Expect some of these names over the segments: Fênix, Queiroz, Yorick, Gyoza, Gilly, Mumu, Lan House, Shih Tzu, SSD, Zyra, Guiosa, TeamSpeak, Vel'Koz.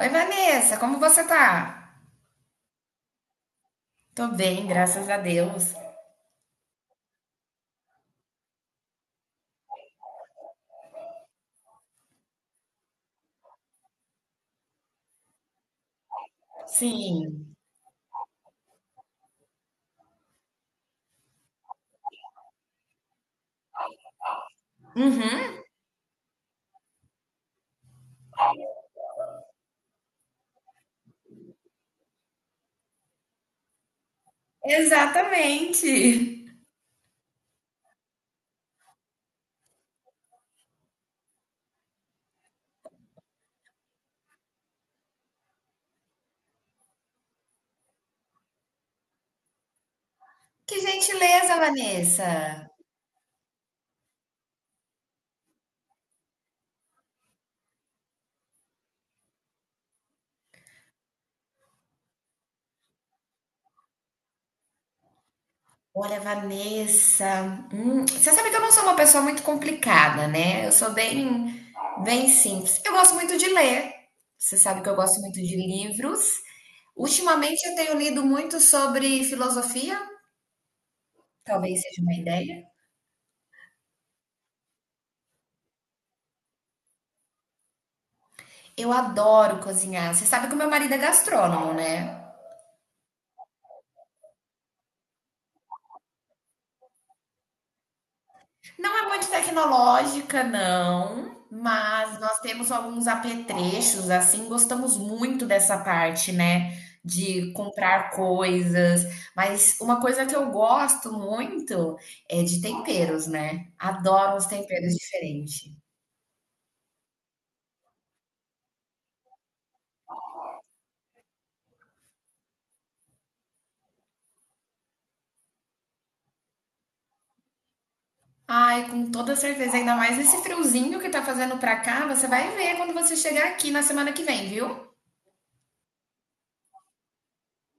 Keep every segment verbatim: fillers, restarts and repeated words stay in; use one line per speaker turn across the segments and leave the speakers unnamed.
Oi, Vanessa, como você tá? Tô bem, graças a Deus. Sim. Uhum. Exatamente. Que gentileza, Vanessa. Olha, Vanessa, hum, você sabe que eu não sou uma pessoa muito complicada, né? Eu sou bem, bem simples. Eu gosto muito de ler. Você sabe que eu gosto muito de livros. Ultimamente eu tenho lido muito sobre filosofia, talvez seja uma ideia. Eu adoro cozinhar. Você sabe que o meu marido é gastrônomo, né? Não é muito tecnológica, não, mas nós temos alguns apetrechos, assim, gostamos muito dessa parte, né? De comprar coisas, mas uma coisa que eu gosto muito é de temperos, né? Adoro os temperos diferentes. Ai, com toda certeza, ainda mais esse friozinho que tá fazendo pra cá, você vai ver quando você chegar aqui na semana que vem, viu?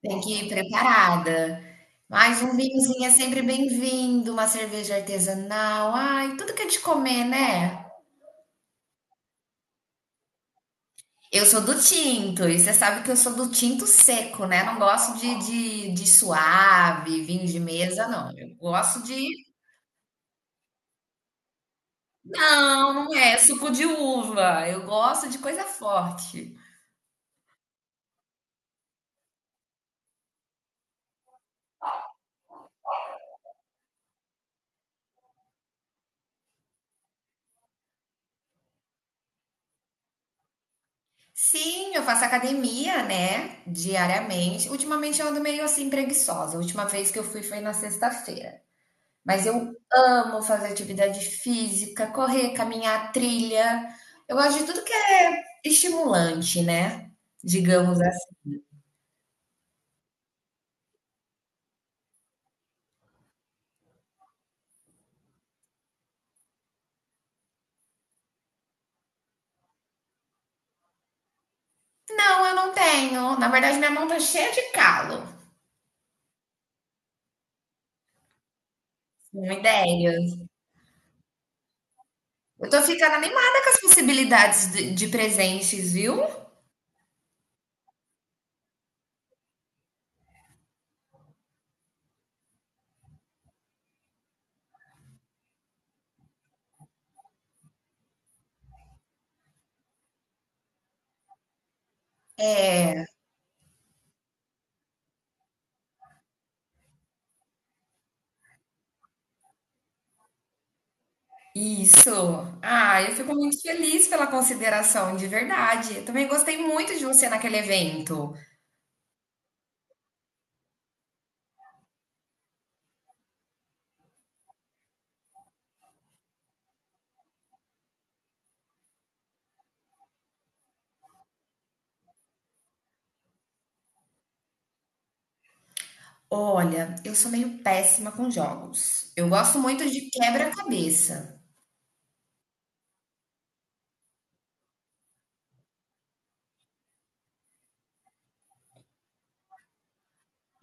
Tem que ir preparada. Mas um vinhozinho é sempre bem-vindo, uma cerveja artesanal, ai, tudo que é de comer, né? Eu sou do tinto, e você sabe que eu sou do tinto seco, né? Não gosto de, de, de suave, vinho de mesa, não. Eu gosto de. Não, não é suco de uva. Eu gosto de coisa forte. Sim, eu faço academia, né? Diariamente. Ultimamente eu ando meio assim preguiçosa. A última vez que eu fui foi na sexta-feira. Mas eu amo fazer atividade física, correr, caminhar, trilha. Eu gosto de tudo que é estimulante, né? Digamos assim. Não, eu não tenho. Na verdade, minha mão tá cheia de calo. Uma ideia. Eu tô ficando animada com as possibilidades de, de presentes, viu? Isso. Ah, eu fico muito feliz pela consideração, de verdade. Eu também gostei muito de você naquele evento. Olha, eu sou meio péssima com jogos. Eu gosto muito de quebra-cabeça.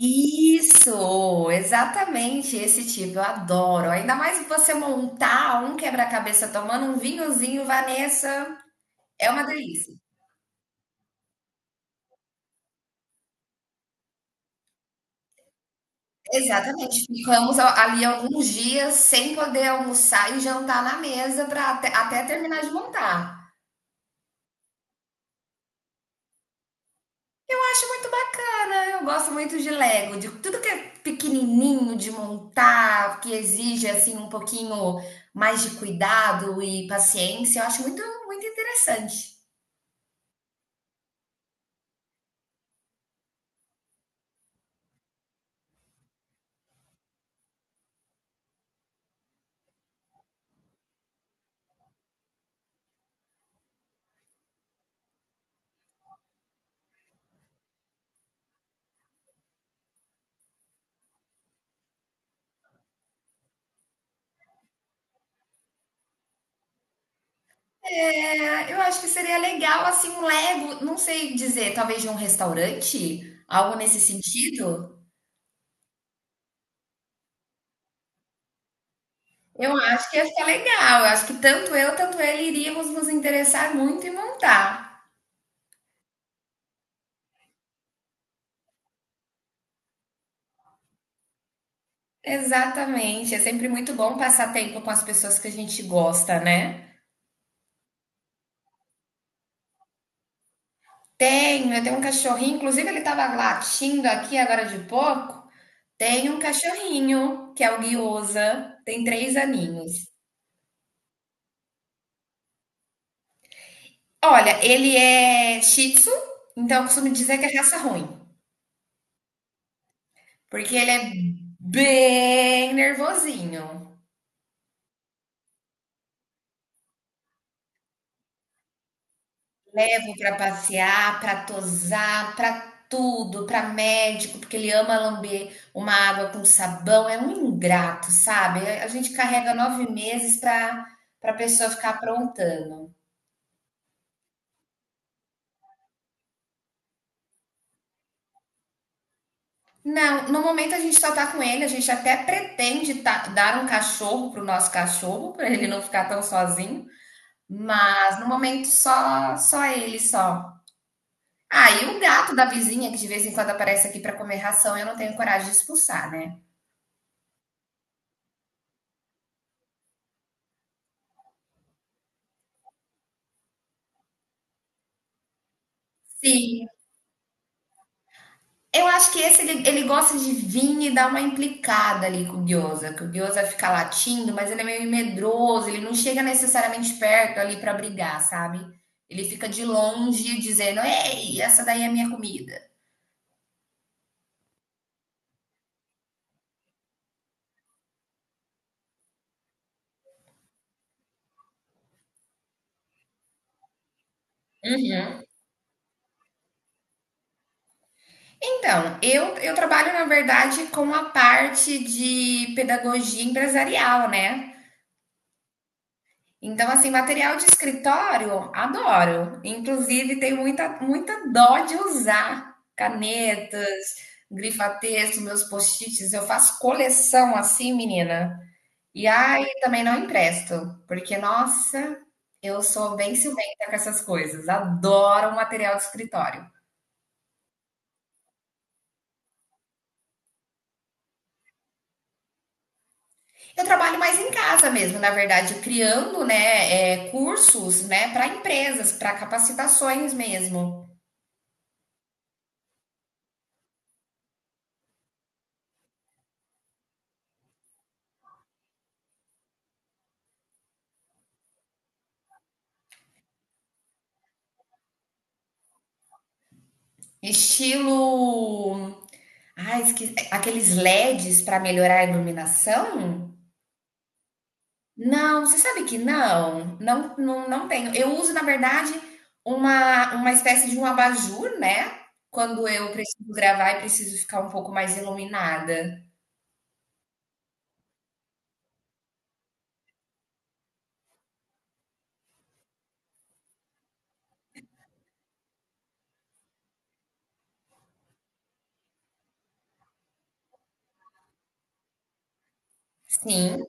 Isso, exatamente esse tipo, eu adoro. Ainda mais você montar um quebra-cabeça tomando um vinhozinho, Vanessa, é uma delícia. Exatamente, ficamos a- ali alguns dias sem poder almoçar e jantar na mesa para até, até terminar de montar. Eu acho muito bacana, eu gosto muito de Lego, de tudo que é pequenininho de montar, que exige assim um pouquinho mais de cuidado e paciência, eu acho muito, muito interessante. É, eu acho que seria legal, assim, um Lego, não sei dizer, talvez de um restaurante, algo nesse sentido. Eu acho que ia ficar legal. Eu acho que tanto eu, tanto ele iríamos nos interessar muito em montar. Exatamente. É sempre muito bom passar tempo com as pessoas que a gente gosta, né? Tenho, eu tenho um cachorrinho, inclusive ele tava latindo aqui agora de pouco. Tenho um cachorrinho, que é o Guiosa, tem três aninhos. Olha, ele é Shih Tzu, então eu costumo dizer que é raça ruim, porque ele é bem nervosinho. Levo pra passear, pra tosar, pra tudo, pra médico, porque ele ama lamber uma água com sabão. É um ingrato, sabe? A gente carrega nove meses pra pra pessoa ficar aprontando. Não, no momento a gente só tá com ele, a gente até pretende ta- dar um cachorro pro nosso cachorro, pra ele não ficar tão sozinho. Mas no momento só só ele só. Ah, e o gato da vizinha que de vez em quando aparece aqui para comer ração, eu não tenho coragem de expulsar, né? Sim. Eu acho que esse ele, ele gosta de vir e dar uma implicada ali com o Gyoza, que o Gyoza fica latindo, mas ele é meio medroso, ele não chega necessariamente perto ali para brigar, sabe? Ele fica de longe dizendo: "Ei, essa daí é a minha comida". Uhum. Então, eu, eu trabalho, na verdade, com a parte de pedagogia empresarial, né? Então, assim, material de escritório, adoro. Inclusive, tenho muita, muita dó de usar canetas, grifa-texto, meus post-its. Eu faço coleção assim, menina. E ai, também não empresto, porque, nossa, eu sou bem ciumenta com essas coisas. Adoro material de escritório. Eu trabalho mais em casa mesmo, na verdade, criando, né, é, cursos, né, para empresas, para capacitações mesmo. Estilo. Ah, esque... Aqueles L E Ds para melhorar a iluminação? Não, você sabe que não, não, não, não tenho. Eu uso, na verdade, uma, uma espécie de um abajur, né? Quando eu preciso gravar e preciso ficar um pouco mais iluminada. Sim,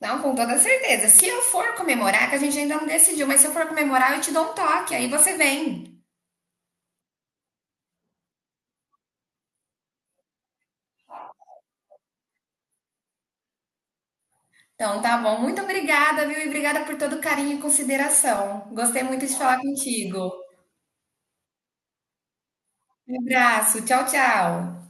não, com toda certeza. Se eu for comemorar, que a gente ainda não decidiu, mas se eu for comemorar, eu te dou um toque, aí você vem. Então, tá bom. Muito obrigada, viu? E obrigada por todo o carinho e consideração. Gostei muito de falar contigo. Um abraço. Tchau, tchau.